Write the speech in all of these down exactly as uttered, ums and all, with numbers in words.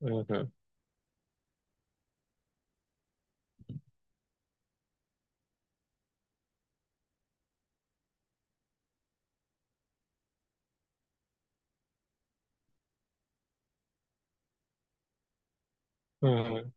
হম হম হম।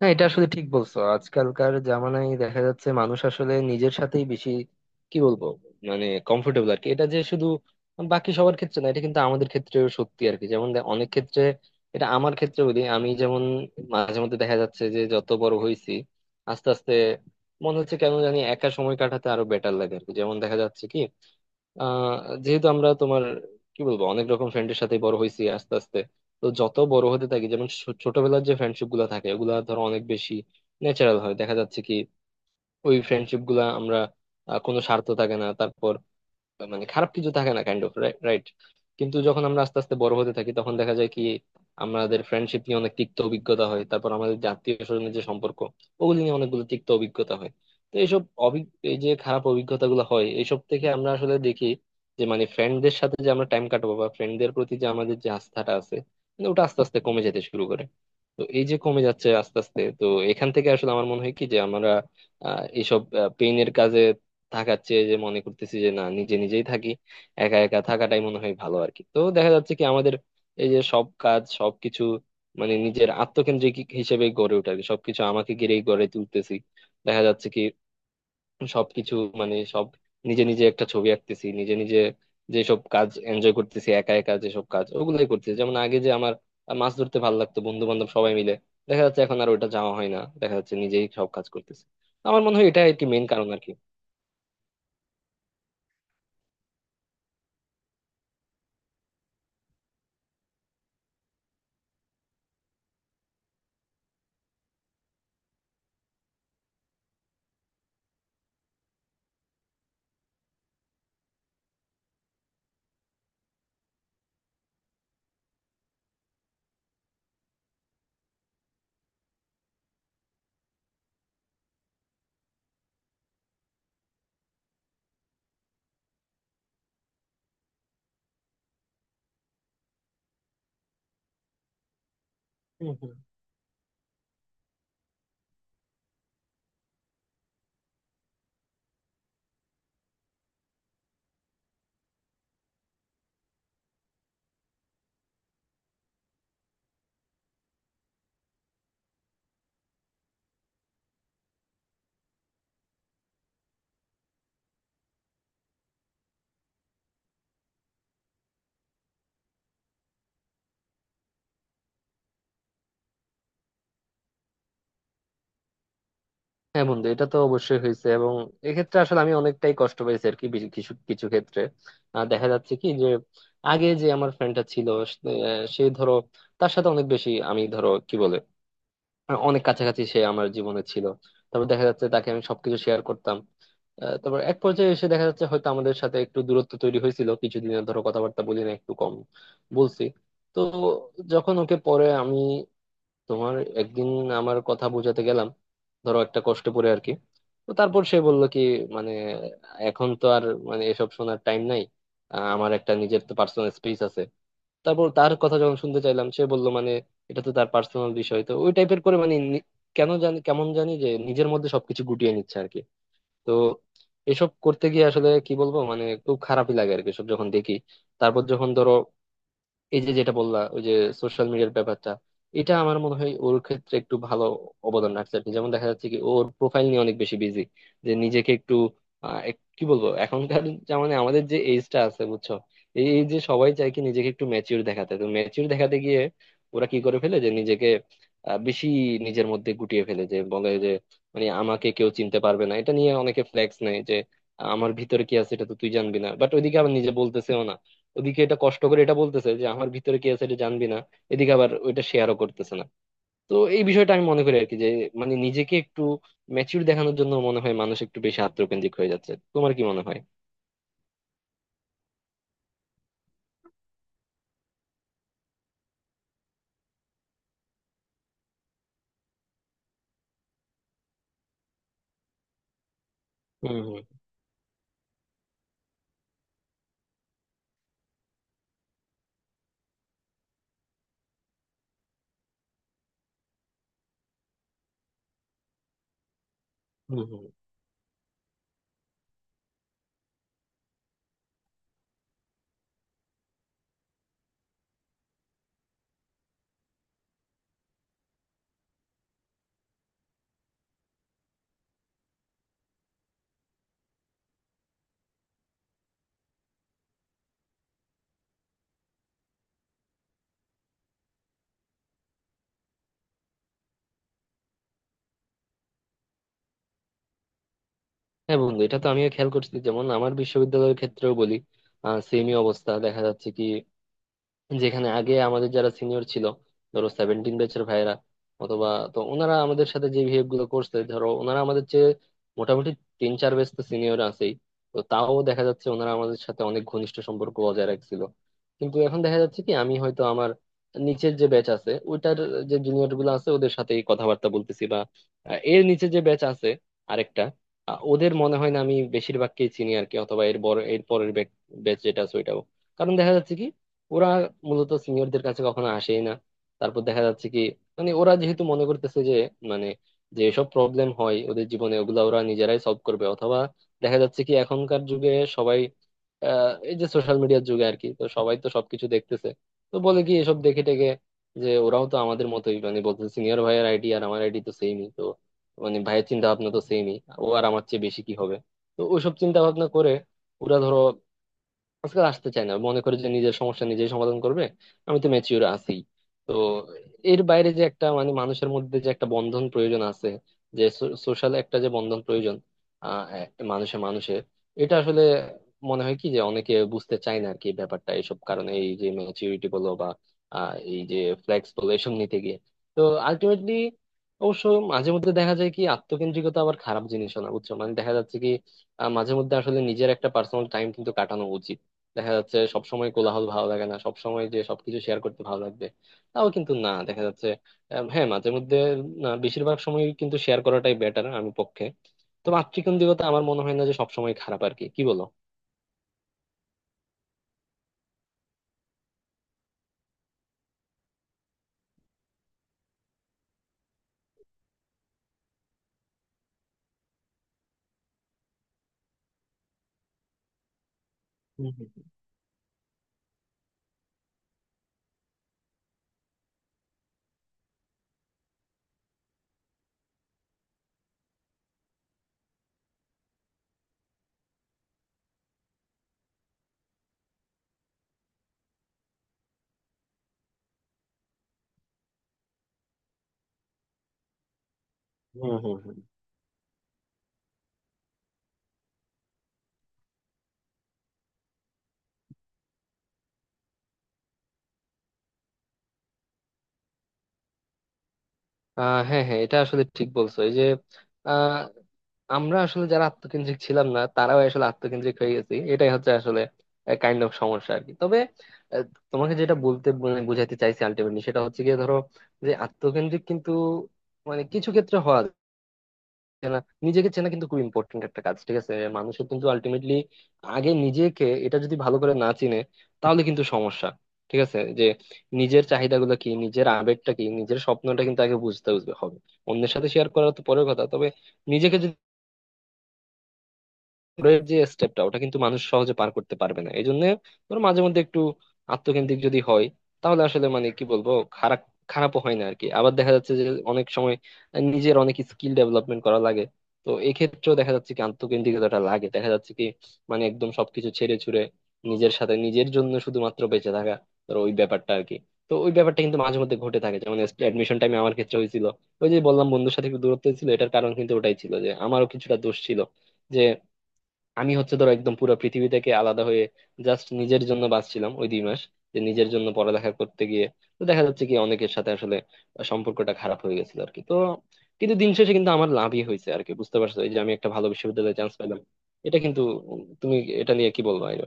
না, এটা আসলে ঠিক বলছো। আজকালকার জামানায় দেখা যাচ্ছে মানুষ আসলে নিজের সাথেই বেশি কি বলবো, মানে কমফোর্টেবল আর কি। এটা যে শুধু বাকি সবার ক্ষেত্রে না, এটা কিন্তু আমাদের ক্ষেত্রেও সত্যি আর কি। যেমন দে- অনেক ক্ষেত্রে এটা আমার ক্ষেত্রে বলি, আমি যেমন মাঝে মধ্যে দেখা যাচ্ছে যে যত বড় হয়েছি আস্তে আস্তে মনে হচ্ছে কেন জানি একা সময় কাটাতে আরো বেটার লাগে আর কি। যেমন দেখা যাচ্ছে কি আহ যেহেতু আমরা তোমার কি বলবো অনেক রকম ফ্রেন্ডের সাথে বড় হয়েছি আস্তে আস্তে, তো যত বড় হতে থাকি যেমন ছো- ছোটবেলার যে ফ্রেন্ডশিপ গুলা থাকে ওগুলা ধরো অনেক বেশি ন্যাচারাল হয়। দেখা যাচ্ছে কি ওই ফ্রেন্ডশিপ গুলা আমরা আহ, কোনো স্বার্থ থাকে না, তারপর মানে খারাপ কিছু থাকে না, কাইন্ড অফ রাইট। কিন্তু যখন আমরা আস্তে আস্তে বড় হতে থাকি তখন দেখা যায় কি আমাদের ফ্রেন্ডশিপ নিয়ে অনেক তিক্ত অভিজ্ঞতা হয়, তারপর আমাদের যে আত্মীয় স্বজনের যে সম্পর্ক ওগুলি নিয়ে অনেকগুলো তিক্ত অভিজ্ঞতা হয়। তো এইসব অভি- এই যে খারাপ অভিজ্ঞতা গুলো হয়, এইসব থেকে আমরা আসলে দেখি যে মানে ফ্রেন্ডদের সাথে যে আমরা টাইম কাটাবো বা ফ্রেন্ডদের প্রতি যে আমাদের যে আস্থাটা আছে মানে ওটা আস্তে আস্তে কমে যেতে শুরু করে। তো এই যে কমে যাচ্ছে আস্তে আস্তে, তো এখান থেকে আসলে আমার মনে হয় কি যে আমরা আহ, এইসব পেইনের কাজে থাকার চেয়ে যে মনে করতেছি যে না, নিজে নিজেই থাকি, একা একা থাকাটাই মনে হয় ভালো আর কি। তো দেখা যাচ্ছে কি আমাদের এই যে সব কাজ সবকিছু মানে নিজের আত্মকেন্দ্রিক হিসেবে গড়ে ওঠে আর কি, সবকিছু আমাকে ঘিরেই গড়ে তুলতেছি। দেখা যাচ্ছে কি সবকিছু মানে সব নিজে নিজে একটা ছবি আঁকতেছি নিজে নিজে, যেসব কাজ এনজয় করতেছি একা একা, যেসব কাজ ওগুলাই করতেছি। যেমন আগে যে আমার মাছ ধরতে ভালো লাগতো বন্ধু বান্ধব সবাই মিলে, দেখা যাচ্ছে এখন আর ওটা যাওয়া হয় না, দেখা যাচ্ছে নিজেই সব কাজ করতেছি। আমার মনে হয় এটা একটি মেইন কারণ আর কি। হুম হুম। হ্যাঁ বন্ধু, এটা তো অবশ্যই হয়েছে, এবং এক্ষেত্রে আসলে আমি অনেকটাই কষ্ট পেয়েছি আর কি। বেশ- কিছু কিছু ক্ষেত্রে আহ, দেখা যাচ্ছে কি যে আগে যে আমার ফ্রেন্ডটা ছিল সে আহ, সে ধরো তার সাথে অনেক বেশি আমি ধরো কি বলে অনেক কাছাকাছি সে আমার জীবনে ছিল। তারপর দেখা যাচ্ছে তাকে আমি সবকিছু শেয়ার করতাম। আহ, তারপর এক পর্যায়ে এসে দেখা যাচ্ছে হয়তো আমাদের সাথে একটু দূরত্ব তৈরি হয়েছিল, কিছুদিনের ধরো কথাবার্তা বলি না, একটু কম বলছি। তো যখন ওকে পরে আমি তোমার একদিন আমার কথা বোঝাতে গেলাম, ধরো একটা কষ্ট করে আর কি, তো তারপর সে বলল কি মানে এখন তো আর মানে এসব শোনার টাইম নাই, আহ, আমার একটা নিজের তো পার্সোনাল স্পেস আছে। তারপর তার কথা যখন শুনতে চাইলাম সে বলল মানে এটা তো তার পার্সোনাল বিষয়, তো ওই টাইপের করে মানে নি- কেন জানি কেমন জানি যে নিজের মধ্যে সবকিছু গুটিয়ে নিচ্ছে আর কি। তো এসব করতে গিয়ে আসলে কি বলবো, মানে খুব খারাপই লাগে আর কি সব যখন দেখি। তারপর যখন ধরো এই যে যেটা বললা ওই যে সোশ্যাল মিডিয়ার ব্যাপারটা, এটা আমার মনে হয় ওর ক্ষেত্রে একটু ভালো অবদান রাখছে আর কি। যেমন দেখা যাচ্ছে কি ওর প্রোফাইল নিয়ে অনেক বেশি বিজি যে নিজেকে একটু আহ, এক- কি বলবো এখনকার, মানে আমাদের যে এজটা আছে বুঝছো, এই এই যে সবাই চায় কি নিজেকে একটু ম্যাচিউর দেখাতে, তো ম্যাচিউর দেখাতে গিয়ে ওরা কি করে ফেলে যে নিজেকে আহ, বেশি নিজের মধ্যে গুটিয়ে ফেলে, যে বলে যে মানে আমাকে কেউ চিনতে পারবে না, এটা নিয়ে অনেকে ফ্লেক্স নেয় যে আমার ভিতরে কি আছে এটা তো তুই জানবি না, বাট ওইদিকে আবার নিজে বলতেছেও না। ওদিকে এটা কষ্ট করে এটা বলতেছে যে আমার ভিতরে কি আছে এটা জানবি না, এদিকে আবার ওইটা শেয়ারও করতেছে না। তো এই বিষয়টা আমি মনে করি আর কি যে মানে নিজেকে একটু ম্যাচিউর দেখানোর জন্য মনে হয় মানুষ একটু বেশি আত্মকেন্দ্রিক হয়ে যাচ্ছে। তোমার কি মনে হয়? হুম হুম। হুম হুম। হ্যাঁ বন্ধু, এটা তো আমিও খেয়াল করছি। যেমন আমার বিশ্ববিদ্যালয়ের ক্ষেত্রেও বলি, সেমই অবস্থা দেখা যাচ্ছে কি যেখানে আগে আমাদের যারা সিনিয়র ছিল ধরো সেভেন্টিন ব্যাচের ভাইয়েরা অথবা, তো ওনারা আমাদের সাথে যে বিহেভ গুলো করছে ধরো ওনারা আমাদের চেয়ে মোটামুটি তিন চার ব্যাচ তো সিনিয়র আছেই, তো তাও দেখা যাচ্ছে ওনারা আমাদের সাথে অনেক ঘনিষ্ঠ সম্পর্ক বজায় রাখছিল। কিন্তু এখন দেখা যাচ্ছে কি আমি হয়তো আমার নিচের যে ব্যাচ আছে ওইটার যে জুনিয়র গুলো আছে ওদের সাথেই কথাবার্তা বলতেছি, বা আহ, এর নিচে যে ব্যাচ আছে আরেকটা, আহ, ওদের মনে হয় না আমি বেশিরভাগকেই চিনি আর কি, অথবা এর বড় এর পরের ব্যাচ যেটা আছে ওইটাও। কারণ দেখা যাচ্ছে কি ওরা মূলত সিনিয়রদের কাছে কখনো আসেই না। তারপর দেখা যাচ্ছে কি মানে ওরা যেহেতু মনে করতেছে যে মানে যে সব প্রবলেম হয় ওদের জীবনে ওগুলা ওরা নিজেরাই সলভ করবে, অথবা দেখা যাচ্ছে কি এখনকার যুগে সবাই আহ, এই যে সোশ্যাল মিডিয়ার যুগে আর কি, তো সবাই তো সবকিছু দেখতেছে, তো বলে কি এসব দেখে টেকে যে ওরাও তো আমাদের মতোই, মানে বলতেছে সিনিয়র ভাইয়ের আইডি আর আমার আইডি তো সেমই, তো মানে ভাইয়ের চিন্তা ভাবনা তো সেমই, ও আর আমার চেয়ে বেশি কি হবে। তো ওইসব চিন্তা ভাবনা করে ওরা ধরো আজকাল আসতে চায় না, মনে করে যে নিজের সমস্যা নিজেই সমাধান করবে, আমি তো ম্যাচিওর আছি। তো এর বাইরে যে একটা মানে মানুষের মধ্যে যে একটা বন্ধন প্রয়োজন আছে, যে সোশ্যাল একটা যে বন্ধন প্রয়োজন আহ একটা মানুষে মানুষে, এটা আসলে মনে হয় কি যে অনেকে বুঝতে চায় না আর কি ব্যাপারটা, এইসব কারণে এই যে ম্যাচিউরিটি বলো বা আহ, এই যে ফ্লেক্স বলো এসব নিতে গিয়ে। তো আলটিমেটলি অবশ্য মাঝে মধ্যে দেখা যায় কি আত্মকেন্দ্রিকতা আবার খারাপ জিনিসও না বুঝছো, মানে দেখা যাচ্ছে কি আহ, মাঝে মধ্যে আসলে নিজের একটা পার্সোনাল টাইম কিন্তু কাটানো উচিত। দেখা যাচ্ছে সবসময় কোলাহল ভালো লাগে না, সবসময় যে সবকিছু শেয়ার করতে ভালো লাগবে তাও কিন্তু না দেখা যাচ্ছে। আহ, হ্যাঁ মাঝে মধ্যে, না বেশিরভাগ সময় কিন্তু শেয়ার করাটাই বেটার, আমি পক্ষে। তো মাতৃকেন্দ্রিকতা আমার মনে হয় না যে সবসময় খারাপ আর কি, কি বলো? হম হম হম। আহ হ্যাঁ হ্যাঁ, এটা আসলে ঠিক বলছো। এই যে আহ আমরা আসলে যারা আত্মকেন্দ্রিক ছিলাম না তারাও আসলে আত্মকেন্দ্রিক হয়ে গেছি, এটাই হচ্ছে আসলে কাইন্ড অফ সমস্যা আর কি। তবে আহ, তোমাকে যেটা বলতে মানে বোঝাতে চাইছি আলটিমেটলি সেটা হচ্ছে গিয়ে ধরো যে আত্মকেন্দ্রিক কিন্তু মানে কিছু ক্ষেত্রে হওয়া যায়। চেনা, নিজেকে চেনা কিন্তু খুব ইম্পর্টেন্ট একটা কাজ, ঠিক আছে মানুষের কিন্তু আলটিমেটলি। আগে নিজেকে এটা যদি ভালো করে না চিনে তাহলে কিন্তু সমস্যা, ঠিক আছে? যে নিজের চাহিদাগুলো কি, নিজের আবেগটা কি, নিজের স্বপ্নটা কিন্তু আগে বুঝতে বুঝতে হবে। অন্যের সাথে শেয়ার করা তো পরের কথা। তবে নিজেকে যদি এর যে স্টেপটা ওটা কিন্তু মানুষ সহজে পার করতে পারবে না, এই জন্য ধরো মাঝে মধ্যে একটু আত্মকেন্দ্রিক যদি হয় তাহলে আসলে মানে কি বলবো, খারাপ, খারাপও হয় না আর কি। আবার দেখা যাচ্ছে যে অনেক সময় নিজের অনেক স্কিল ডেভেলপমেন্ট করা লাগে, তো এক্ষেত্রেও দেখা যাচ্ছে কি আত্মকেন্দ্রিকতাটা লাগে দেখা যাচ্ছে কি, মানে একদম সবকিছু ছেড়ে ছুড়ে নিজের সাথে নিজের জন্য শুধুমাত্র বেঁচে থাকা ধরো ওই ব্যাপারটা আর কি। তো ওই ব্যাপারটা কিন্তু মাঝে মধ্যে ঘটে থাকে। যেমন অ্যাডমিশন টাইমে আমার ক্ষেত্রে হয়েছিল, ওই যে বললাম বন্ধুর সাথে একটু দূরত্ব ছিল, এটার কারণ কিন্তু ওটাই ছিল, যে আমারও কিছুটা দোষ ছিল যে আমি হচ্ছে ধরো একদম পুরো পৃথিবী থেকে আলাদা হয়ে জাস্ট নিজের জন্য বাঁচছিলাম ওই দুই মাস, যে নিজের জন্য পড়ালেখা করতে গিয়ে। তো দেখা যাচ্ছে কি অনেকের সাথে আসলে সম্পর্কটা খারাপ হয়ে গেছিল আর কি। তো কিন্তু দিন শেষে কিন্তু আমার লাভই হয়েছে আর কি, বুঝতে পারছো, এই যে আমি একটা ভালো বিশ্ববিদ্যালয়ে চান্স পেলাম। এটা কিন্তু, তুমি এটা নিয়ে কি বলবো আইরো।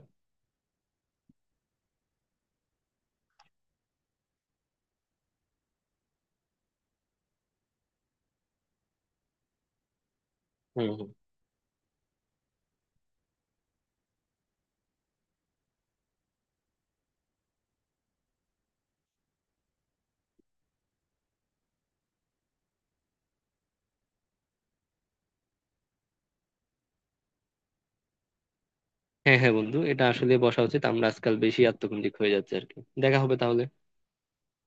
হম হম। হ্যাঁ হ্যাঁ বন্ধু, এটা আসলে বসা উচিত। আমরা আজকাল বেশি আত্মকেন্দ্রিক হয়ে যাচ্ছে আর কি। দেখা হবে তাহলে।